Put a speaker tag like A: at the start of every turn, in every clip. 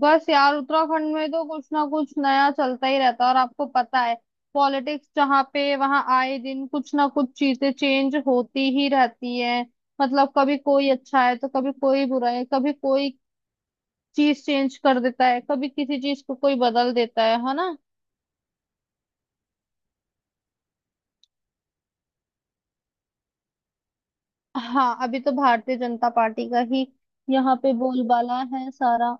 A: बस यार उत्तराखंड में तो कुछ ना कुछ नया चलता ही रहता है। और आपको पता है पॉलिटिक्स जहाँ पे वहाँ आए दिन कुछ ना कुछ चीजें चेंज होती ही रहती है। कभी कोई अच्छा है तो कभी कोई बुरा है, कभी कोई चीज चेंज कर देता है, कभी किसी चीज को कोई बदल देता है ना। हाँ, अभी तो भारतीय जनता पार्टी का ही यहाँ पे बोलबाला है सारा।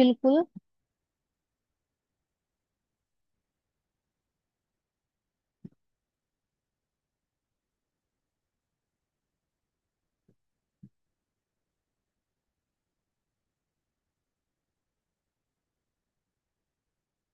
A: बिल्कुल,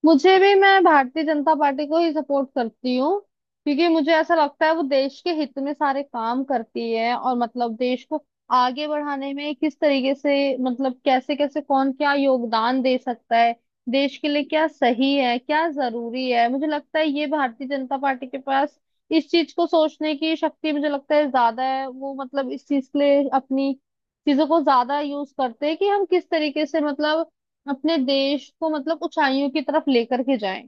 A: मुझे भी, मैं भारतीय जनता पार्टी को ही सपोर्ट करती हूँ। क्योंकि मुझे ऐसा लगता है वो देश के हित में सारे काम करती है। और देश को आगे बढ़ाने में किस तरीके से, कैसे कैसे कौन क्या योगदान दे सकता है, देश के लिए क्या सही है क्या जरूरी है, मुझे लगता है ये भारतीय जनता पार्टी के पास इस चीज को सोचने की शक्ति मुझे लगता है ज्यादा है। वो इस चीज के लिए अपनी चीजों को ज्यादा यूज करते हैं कि हम किस तरीके से अपने देश को ऊंचाइयों की तरफ लेकर के जाएं।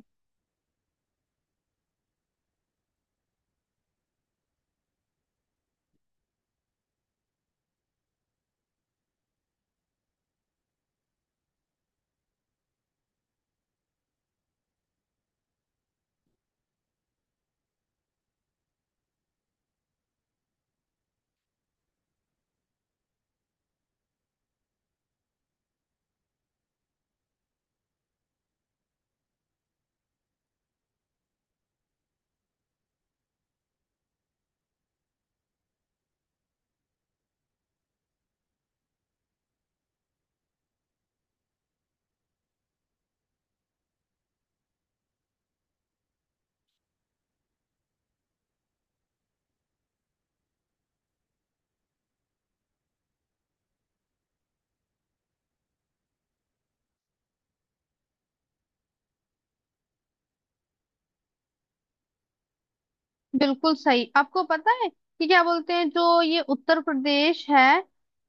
A: बिल्कुल सही। आपको पता है कि क्या बोलते हैं जो ये उत्तर प्रदेश है,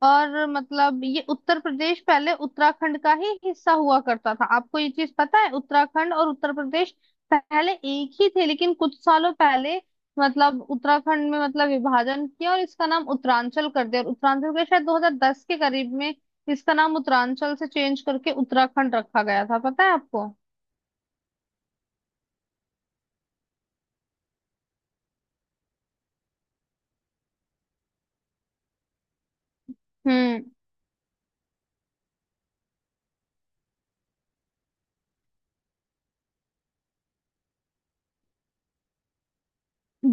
A: और ये उत्तर प्रदेश पहले उत्तराखंड का ही हिस्सा हुआ करता था। आपको ये चीज पता है उत्तराखंड और उत्तर प्रदेश पहले एक ही थे, लेकिन कुछ सालों पहले उत्तराखंड में विभाजन किया और इसका नाम उत्तरांचल कर दिया। और उत्तरांचल का शायद 2010 के करीब में इसका नाम उत्तरांचल से चेंज करके उत्तराखंड रखा गया था, पता है आपको। हम्म,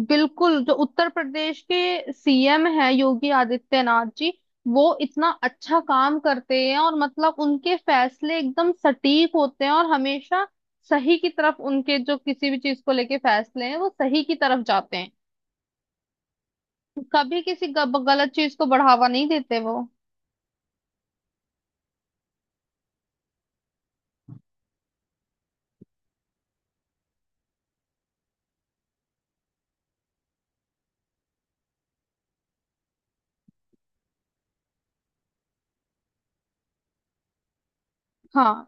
A: बिल्कुल। जो उत्तर प्रदेश के सीएम है, योगी आदित्यनाथ जी, वो इतना अच्छा काम करते हैं। और उनके फैसले एकदम सटीक होते हैं और हमेशा सही की तरफ, उनके जो किसी भी चीज को लेके फैसले हैं वो सही की तरफ जाते हैं। कभी किसी गलत चीज को बढ़ावा नहीं देते वो। हाँ,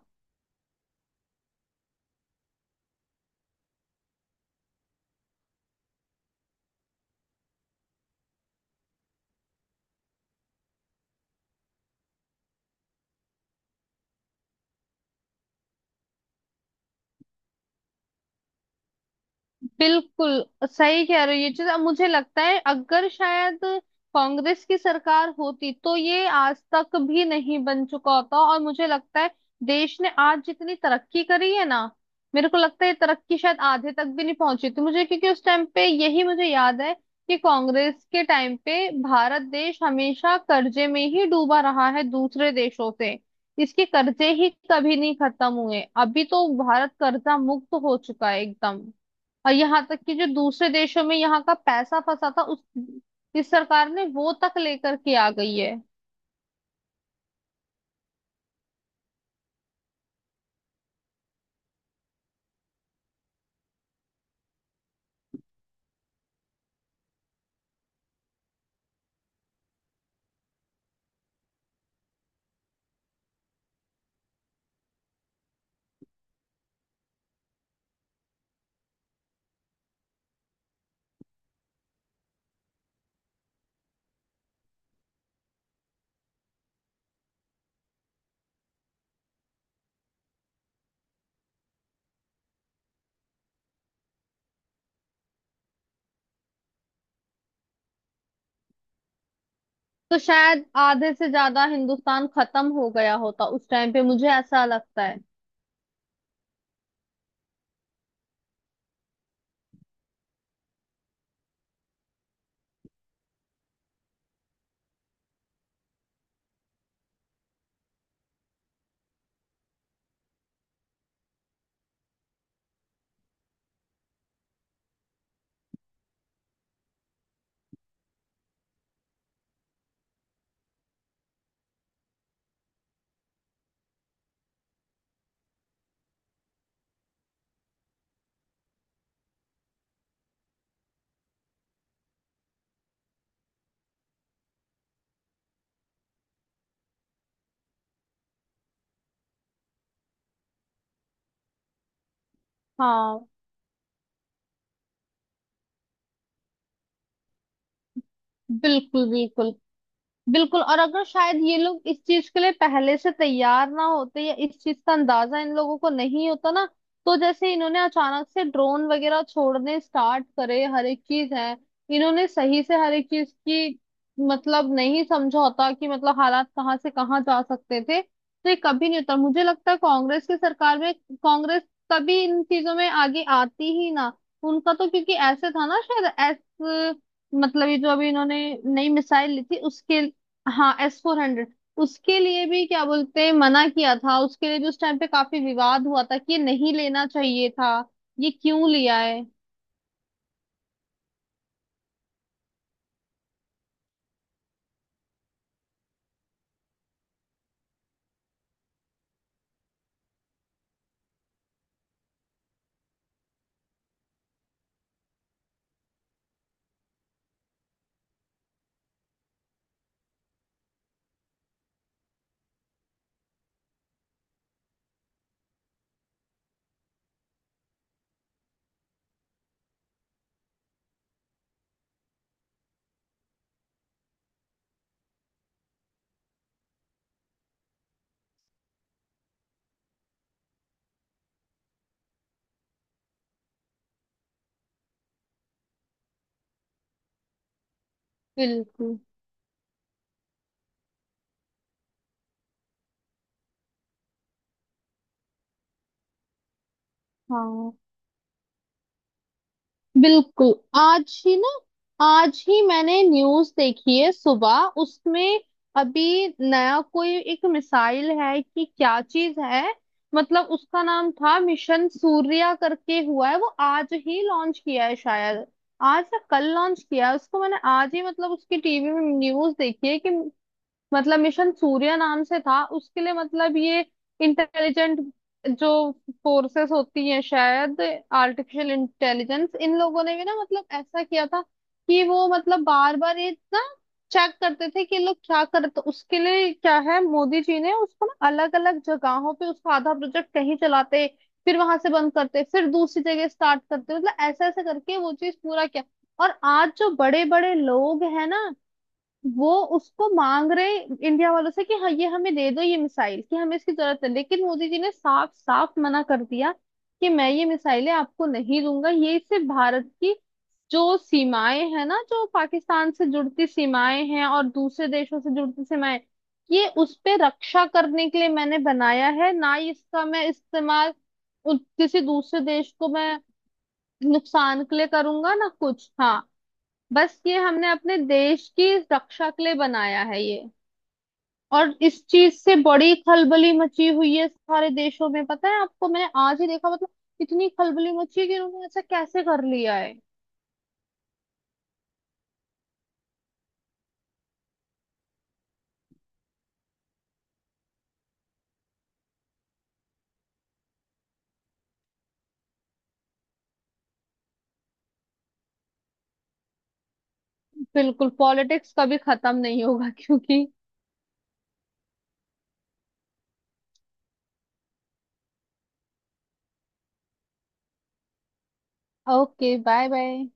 A: बिल्कुल सही कह रहे हो। ये चीज अब मुझे लगता है अगर शायद कांग्रेस की सरकार होती तो ये आज तक भी नहीं बन चुका होता। और मुझे लगता है देश ने आज जितनी तरक्की करी है ना, मेरे को लगता है ये तरक्की शायद आधे तक भी नहीं पहुंची थी, मुझे क्योंकि उस टाइम पे यही मुझे याद है कि कांग्रेस के टाइम पे भारत देश हमेशा कर्जे में ही डूबा रहा है दूसरे देशों से। इसके कर्जे ही कभी नहीं खत्म हुए। अभी तो भारत कर्जा मुक्त हो चुका है एकदम। और यहाँ तक कि जो दूसरे देशों में यहाँ का पैसा फंसा था उस, इस सरकार ने वो तक लेकर के आ गई है। तो शायद आधे से ज्यादा हिंदुस्तान खत्म हो गया होता उस टाइम पे, मुझे ऐसा लगता है। हाँ, बिल्कुल बिल्कुल बिल्कुल। और अगर शायद ये लोग इस चीज के लिए पहले से तैयार ना होते या इस चीज का अंदाजा इन लोगों को नहीं होता ना, तो जैसे इन्होंने अचानक से ड्रोन वगैरह छोड़ने स्टार्ट करे हर एक चीज है, इन्होंने सही से हर एक चीज की नहीं समझा होता कि हालात कहाँ से कहाँ जा सकते थे। तो ये कभी नहीं होता, मुझे लगता है कांग्रेस की सरकार में। कांग्रेस कभी इन चीजों में आगे आती ही ना। उनका तो क्योंकि ऐसे था ना, शायद ऐस ये जो अभी इन्होंने नई मिसाइल ली थी उसके, हाँ एस फोर हंड्रेड, उसके लिए भी क्या बोलते हैं, मना किया था उसके लिए भी, उस टाइम पे काफी विवाद हुआ था कि ये नहीं लेना चाहिए था, ये क्यों लिया है। बिल्कुल। हाँ बिल्कुल। आज ही ना, आज ही मैंने न्यूज देखी है सुबह, उसमें अभी नया कोई एक मिसाइल है कि क्या चीज है, उसका नाम था मिशन सूर्या करके हुआ है, वो आज ही लॉन्च किया है शायद, आज या कल लॉन्च किया है उसको। मैंने आज ही उसकी टीवी में न्यूज देखी है कि मिशन सूर्य नाम से था उसके लिए। ये इंटेलिजेंट जो फोर्सेस होती हैं शायद, आर्टिफिशियल इंटेलिजेंस, इन लोगों ने भी ना ऐसा किया था कि वो बार बार ये ना चेक करते थे कि ये लोग क्या करते, तो उसके लिए क्या है मोदी जी ने उसको ना अलग अलग जगहों पे उसका आधा प्रोजेक्ट कहीं चलाते, फिर वहां से बंद करते, फिर दूसरी जगह स्टार्ट करते, ऐसा ऐसा करके वो चीज पूरा किया। और आज जो बड़े बड़े लोग हैं ना, वो उसको मांग रहे इंडिया वालों से कि हाँ ये हमें दे दो ये मिसाइल, कि हमें इसकी जरूरत है। लेकिन मोदी जी ने साफ साफ मना कर दिया कि मैं ये मिसाइलें आपको नहीं दूंगा। ये, इससे भारत की जो सीमाएं हैं ना, जो पाकिस्तान से जुड़ती सीमाएं हैं और दूसरे देशों से जुड़ती सीमाएं, ये उस पे रक्षा करने के लिए मैंने बनाया है। ना ही इसका मैं इस्तेमाल किसी दूसरे देश को मैं नुकसान के लिए करूंगा ना कुछ, हाँ। बस ये हमने अपने देश की रक्षा के लिए बनाया है ये। और इस चीज से बड़ी खलबली मची हुई है सारे देशों में, पता है आपको, मैंने आज ही देखा, इतनी खलबली मची है कि इन्होंने ऐसा कैसे कर लिया है। बिल्कुल, पॉलिटिक्स कभी खत्म नहीं होगा क्योंकि, ओके बाय बाय।